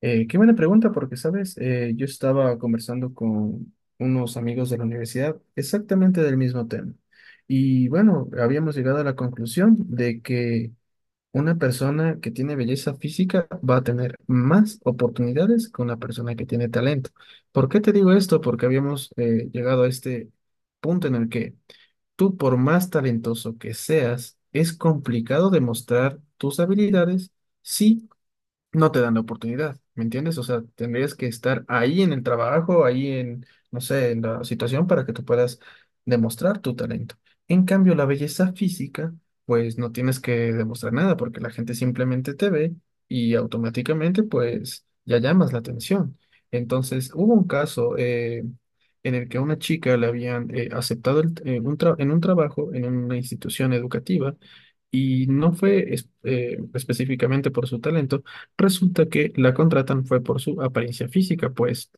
Qué buena pregunta, porque, sabes, yo estaba conversando con unos amigos de la universidad exactamente del mismo tema. Y bueno, habíamos llegado a la conclusión de que una persona que tiene belleza física va a tener más oportunidades que una persona que tiene talento. ¿Por qué te digo esto? Porque habíamos llegado a este punto en el que tú, por más talentoso que seas, es complicado demostrar tus habilidades si no te dan la oportunidad, ¿me entiendes? O sea, tendrías que estar ahí en el trabajo, ahí en, no sé, en la situación para que tú puedas demostrar tu talento. En cambio, la belleza física, pues no tienes que demostrar nada porque la gente simplemente te ve y automáticamente, pues ya llamas la atención. Entonces, hubo un caso en el que a una chica le habían aceptado en en un trabajo en una institución educativa y no fue específicamente por su talento. Resulta que la contratan fue por su apariencia física, pues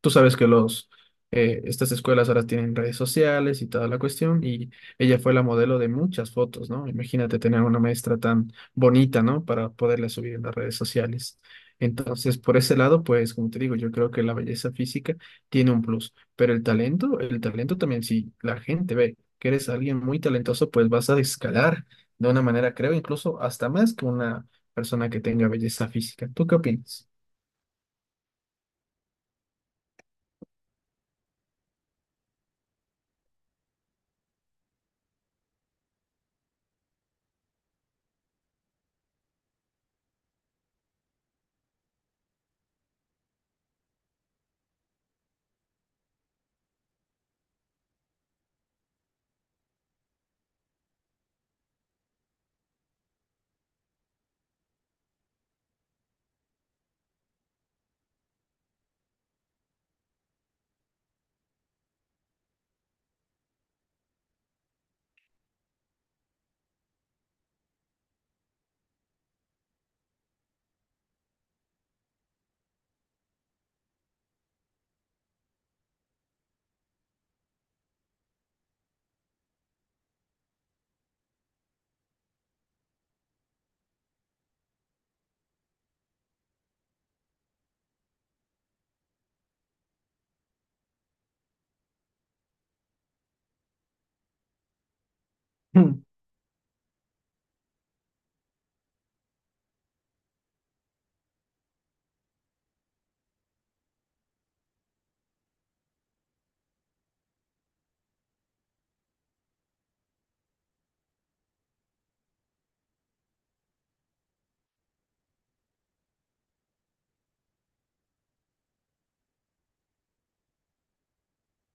tú sabes que los estas escuelas ahora tienen redes sociales y toda la cuestión, y ella fue la modelo de muchas fotos, ¿no? Imagínate tener una maestra tan bonita, ¿no?, para poderla subir en las redes sociales. Entonces, por ese lado, pues, como te digo, yo creo que la belleza física tiene un plus, pero el talento también, si la gente ve que eres alguien muy talentoso, pues vas a escalar de una manera, creo, incluso hasta más que una persona que tenga belleza física. ¿Tú qué opinas?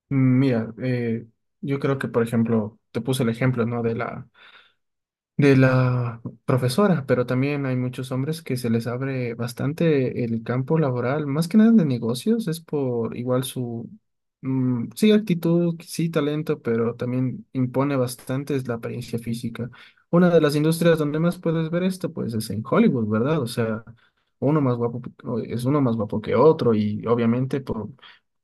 Mira, yo creo que, por ejemplo, te puse el ejemplo, ¿no?, de la, de la profesora, pero también hay muchos hombres que se les abre bastante el campo laboral, más que nada de negocios, es por igual su, sí, actitud, sí, talento, pero también impone bastante es la apariencia física. Una de las industrias donde más puedes ver esto, pues es en Hollywood, ¿verdad? O sea, uno más guapo o es uno más guapo que otro y obviamente por...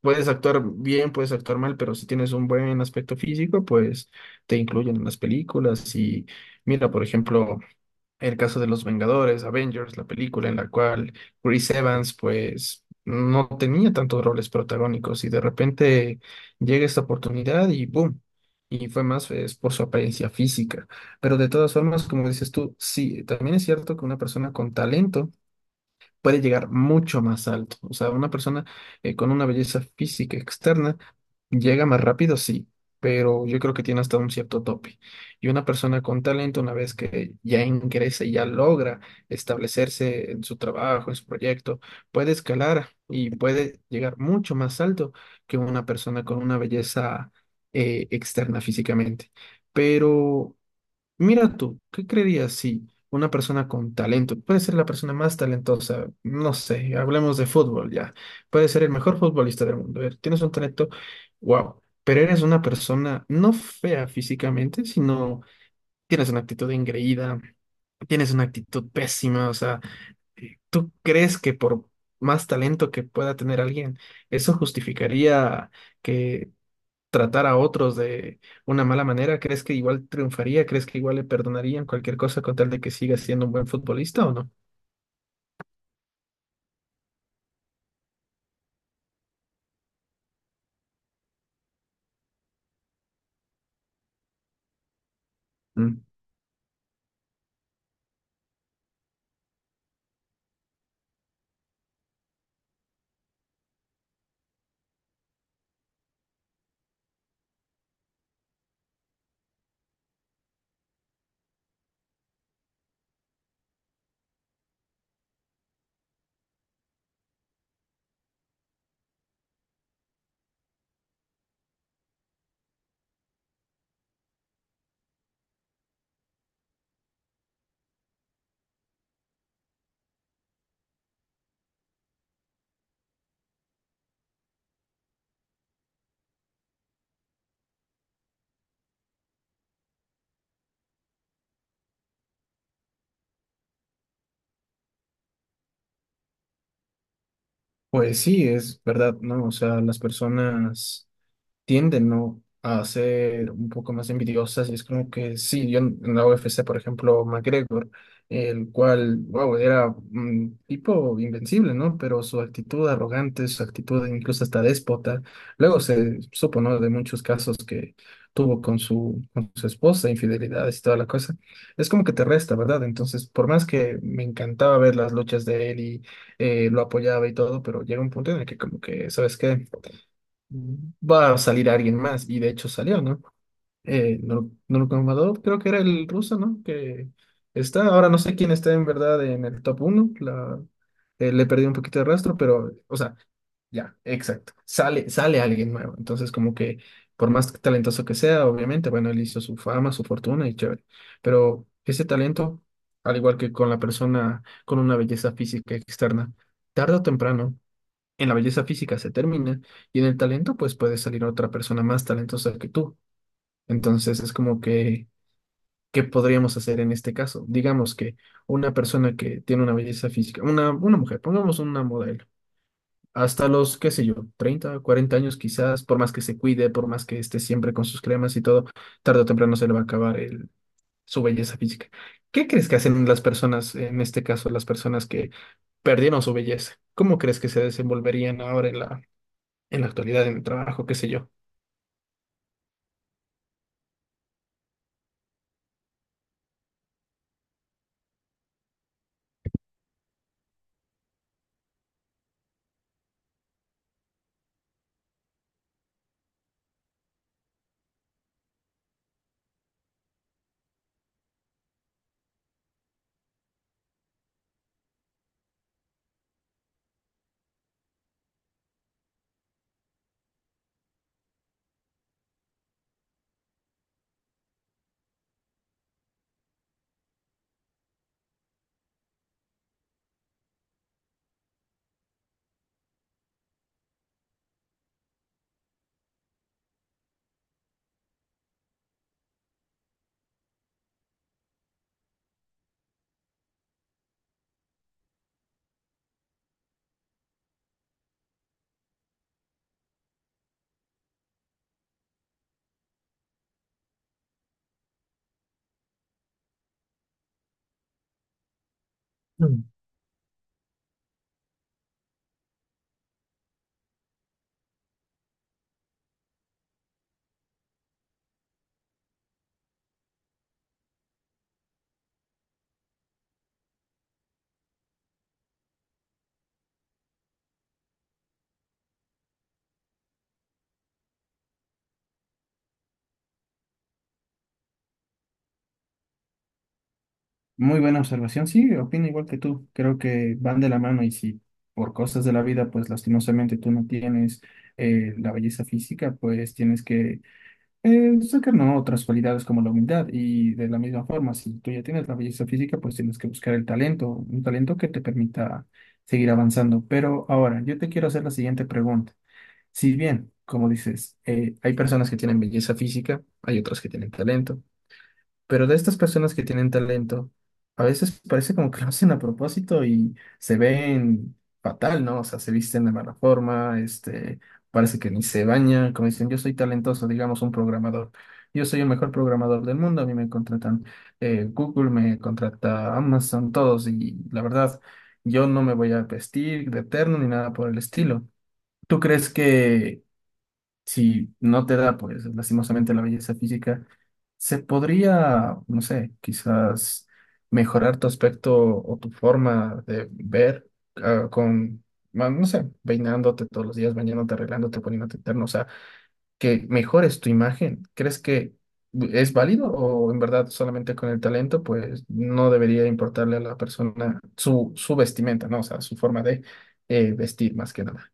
Puedes actuar bien, puedes actuar mal, pero si tienes un buen aspecto físico, pues te incluyen en las películas. Y mira, por ejemplo, el caso de los Vengadores, Avengers, la película en la cual Chris Evans, pues, no tenía tantos roles protagónicos y de repente llega esta oportunidad y ¡boom! Y fue más pues, por su apariencia física. Pero de todas formas, como dices tú, sí, también es cierto que una persona con talento puede llegar mucho más alto. O sea, una persona con una belleza física externa llega más rápido, sí, pero yo creo que tiene hasta un cierto tope. Y una persona con talento, una vez que ya ingresa y ya logra establecerse en su trabajo, en su proyecto, puede escalar y puede llegar mucho más alto que una persona con una belleza externa físicamente. Pero mira tú, ¿qué creerías si una persona con talento, puede ser la persona más talentosa, no sé, hablemos de fútbol ya, puede ser el mejor futbolista del mundo, tienes un talento, wow, pero eres una persona no fea físicamente, sino tienes una actitud engreída, tienes una actitud pésima, o sea, ¿tú crees que por más talento que pueda tener alguien, eso justificaría que tratar a otros de una mala manera? ¿Crees que igual triunfaría? ¿Crees que igual le perdonarían cualquier cosa con tal de que siga siendo un buen futbolista o no? Mm. Pues sí, es verdad, ¿no? O sea, las personas tienden, ¿no?, a ser un poco más envidiosas y es como que sí, yo en la UFC, por ejemplo, McGregor, el cual, wow, era un tipo invencible, ¿no? Pero su actitud arrogante, su actitud incluso hasta déspota, luego se supo, ¿no?, de muchos casos que tuvo con su esposa, infidelidades y toda la cosa, es como que te resta, ¿verdad? Entonces, por más que me encantaba ver las luchas de él y lo apoyaba y todo, pero llega un punto en el que como que, ¿sabes qué?, va a salir alguien más, y de hecho salió, ¿no? Nurmagomedov, creo que era el ruso, ¿no?, que está, ahora no sé quién está en verdad en el top uno la, le perdí un poquito de rastro, pero, o sea, ya, exacto, sale, sale alguien nuevo, entonces como que por más talentoso que sea, obviamente, bueno, él hizo su fama, su fortuna y chévere, pero ese talento, al igual que con la persona con una belleza física externa, tarde o temprano en la belleza física se termina, y en el talento pues puede salir otra persona más talentosa que tú. Entonces es como que, ¿qué podríamos hacer en este caso? Digamos que una persona que tiene una belleza física, una mujer, pongamos una modelo, hasta los, qué sé yo, 30, 40 años quizás, por más que se cuide, por más que esté siempre con sus cremas y todo, tarde o temprano se le va a acabar el, su belleza física. ¿Qué crees que hacen las personas, en este caso, las personas que perdieron su belleza? ¿Cómo crees que se desenvolverían ahora en la actualidad, en el trabajo, qué sé yo? Mm. Muy buena observación, sí, opino igual que tú, creo que van de la mano y si por cosas de la vida, pues lastimosamente tú no tienes la belleza física, pues tienes que sacar, ¿no?, otras cualidades como la humildad, y de la misma forma, si tú ya tienes la belleza física, pues tienes que buscar el talento, un talento que te permita seguir avanzando. Pero ahora, yo te quiero hacer la siguiente pregunta. Si bien, como dices, hay personas que tienen belleza física, hay otras que tienen talento. Pero de estas personas que tienen talento, a veces parece como que lo hacen a propósito y se ven fatal, ¿no? O sea, se visten de mala forma, parece que ni se bañan, como dicen, yo soy talentoso, digamos, un programador. Yo soy el mejor programador del mundo, a mí me contratan Google, me contrata Amazon, todos, y la verdad, yo no me voy a vestir de eterno ni nada por el estilo. ¿Tú crees que si no te da, pues, lastimosamente la belleza física, se podría, no sé, quizás mejorar tu aspecto o tu forma de ver con, no sé, peinándote todos los días, bañándote, arreglándote, poniéndote terno, o sea, que mejores tu imagen? ¿Crees que es válido o en verdad solamente con el talento, pues, no debería importarle a la persona su, su vestimenta, ¿no?, o sea, su forma de vestir más que nada?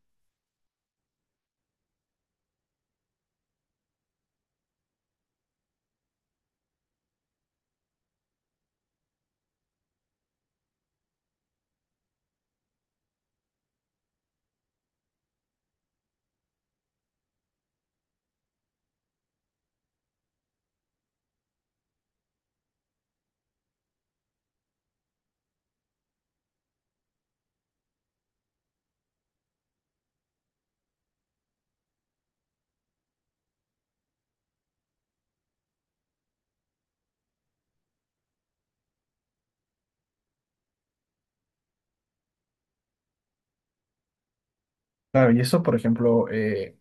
Claro, y eso, por ejemplo,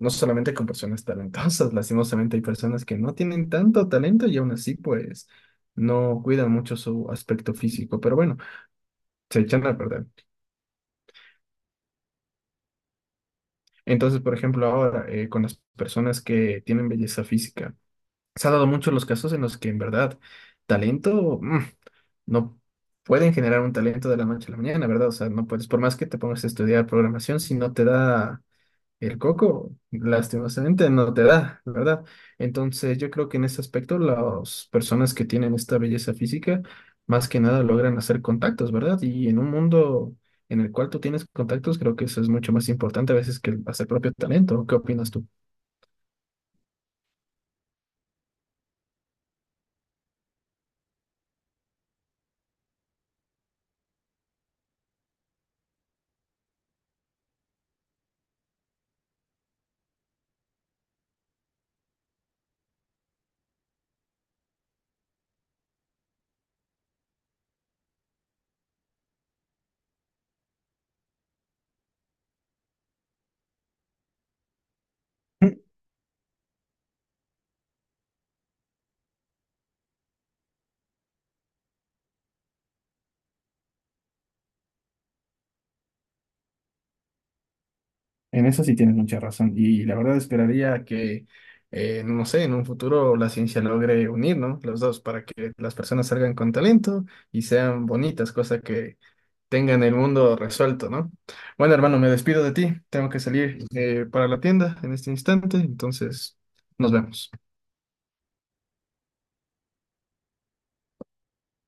no solamente con personas talentosas, lastimosamente hay personas que no tienen tanto talento y aún así, pues, no cuidan mucho su aspecto físico, pero bueno, se echan a perder. Entonces, por ejemplo, ahora, con las personas que tienen belleza física, se ha dado muchos los casos en los que en verdad talento, no pueden generar un talento de la noche a la mañana, ¿verdad? O sea, no puedes, por más que te pongas a estudiar programación, si no te da, el coco, lastimosamente, no te da, ¿verdad? Entonces, yo creo que en ese aspecto las personas que tienen esta belleza física, más que nada logran hacer contactos, ¿verdad? Y en un mundo en el cual tú tienes contactos, creo que eso es mucho más importante a veces que el- hacer propio talento. ¿Qué opinas tú? En eso sí tienes mucha razón. Y la verdad esperaría que, no sé, en un futuro la ciencia logre unir, ¿no?, los dos para que las personas salgan con talento y sean bonitas, cosa que tengan el mundo resuelto, ¿no? Bueno, hermano, me despido de ti. Tengo que salir para la tienda en este instante, entonces nos vemos.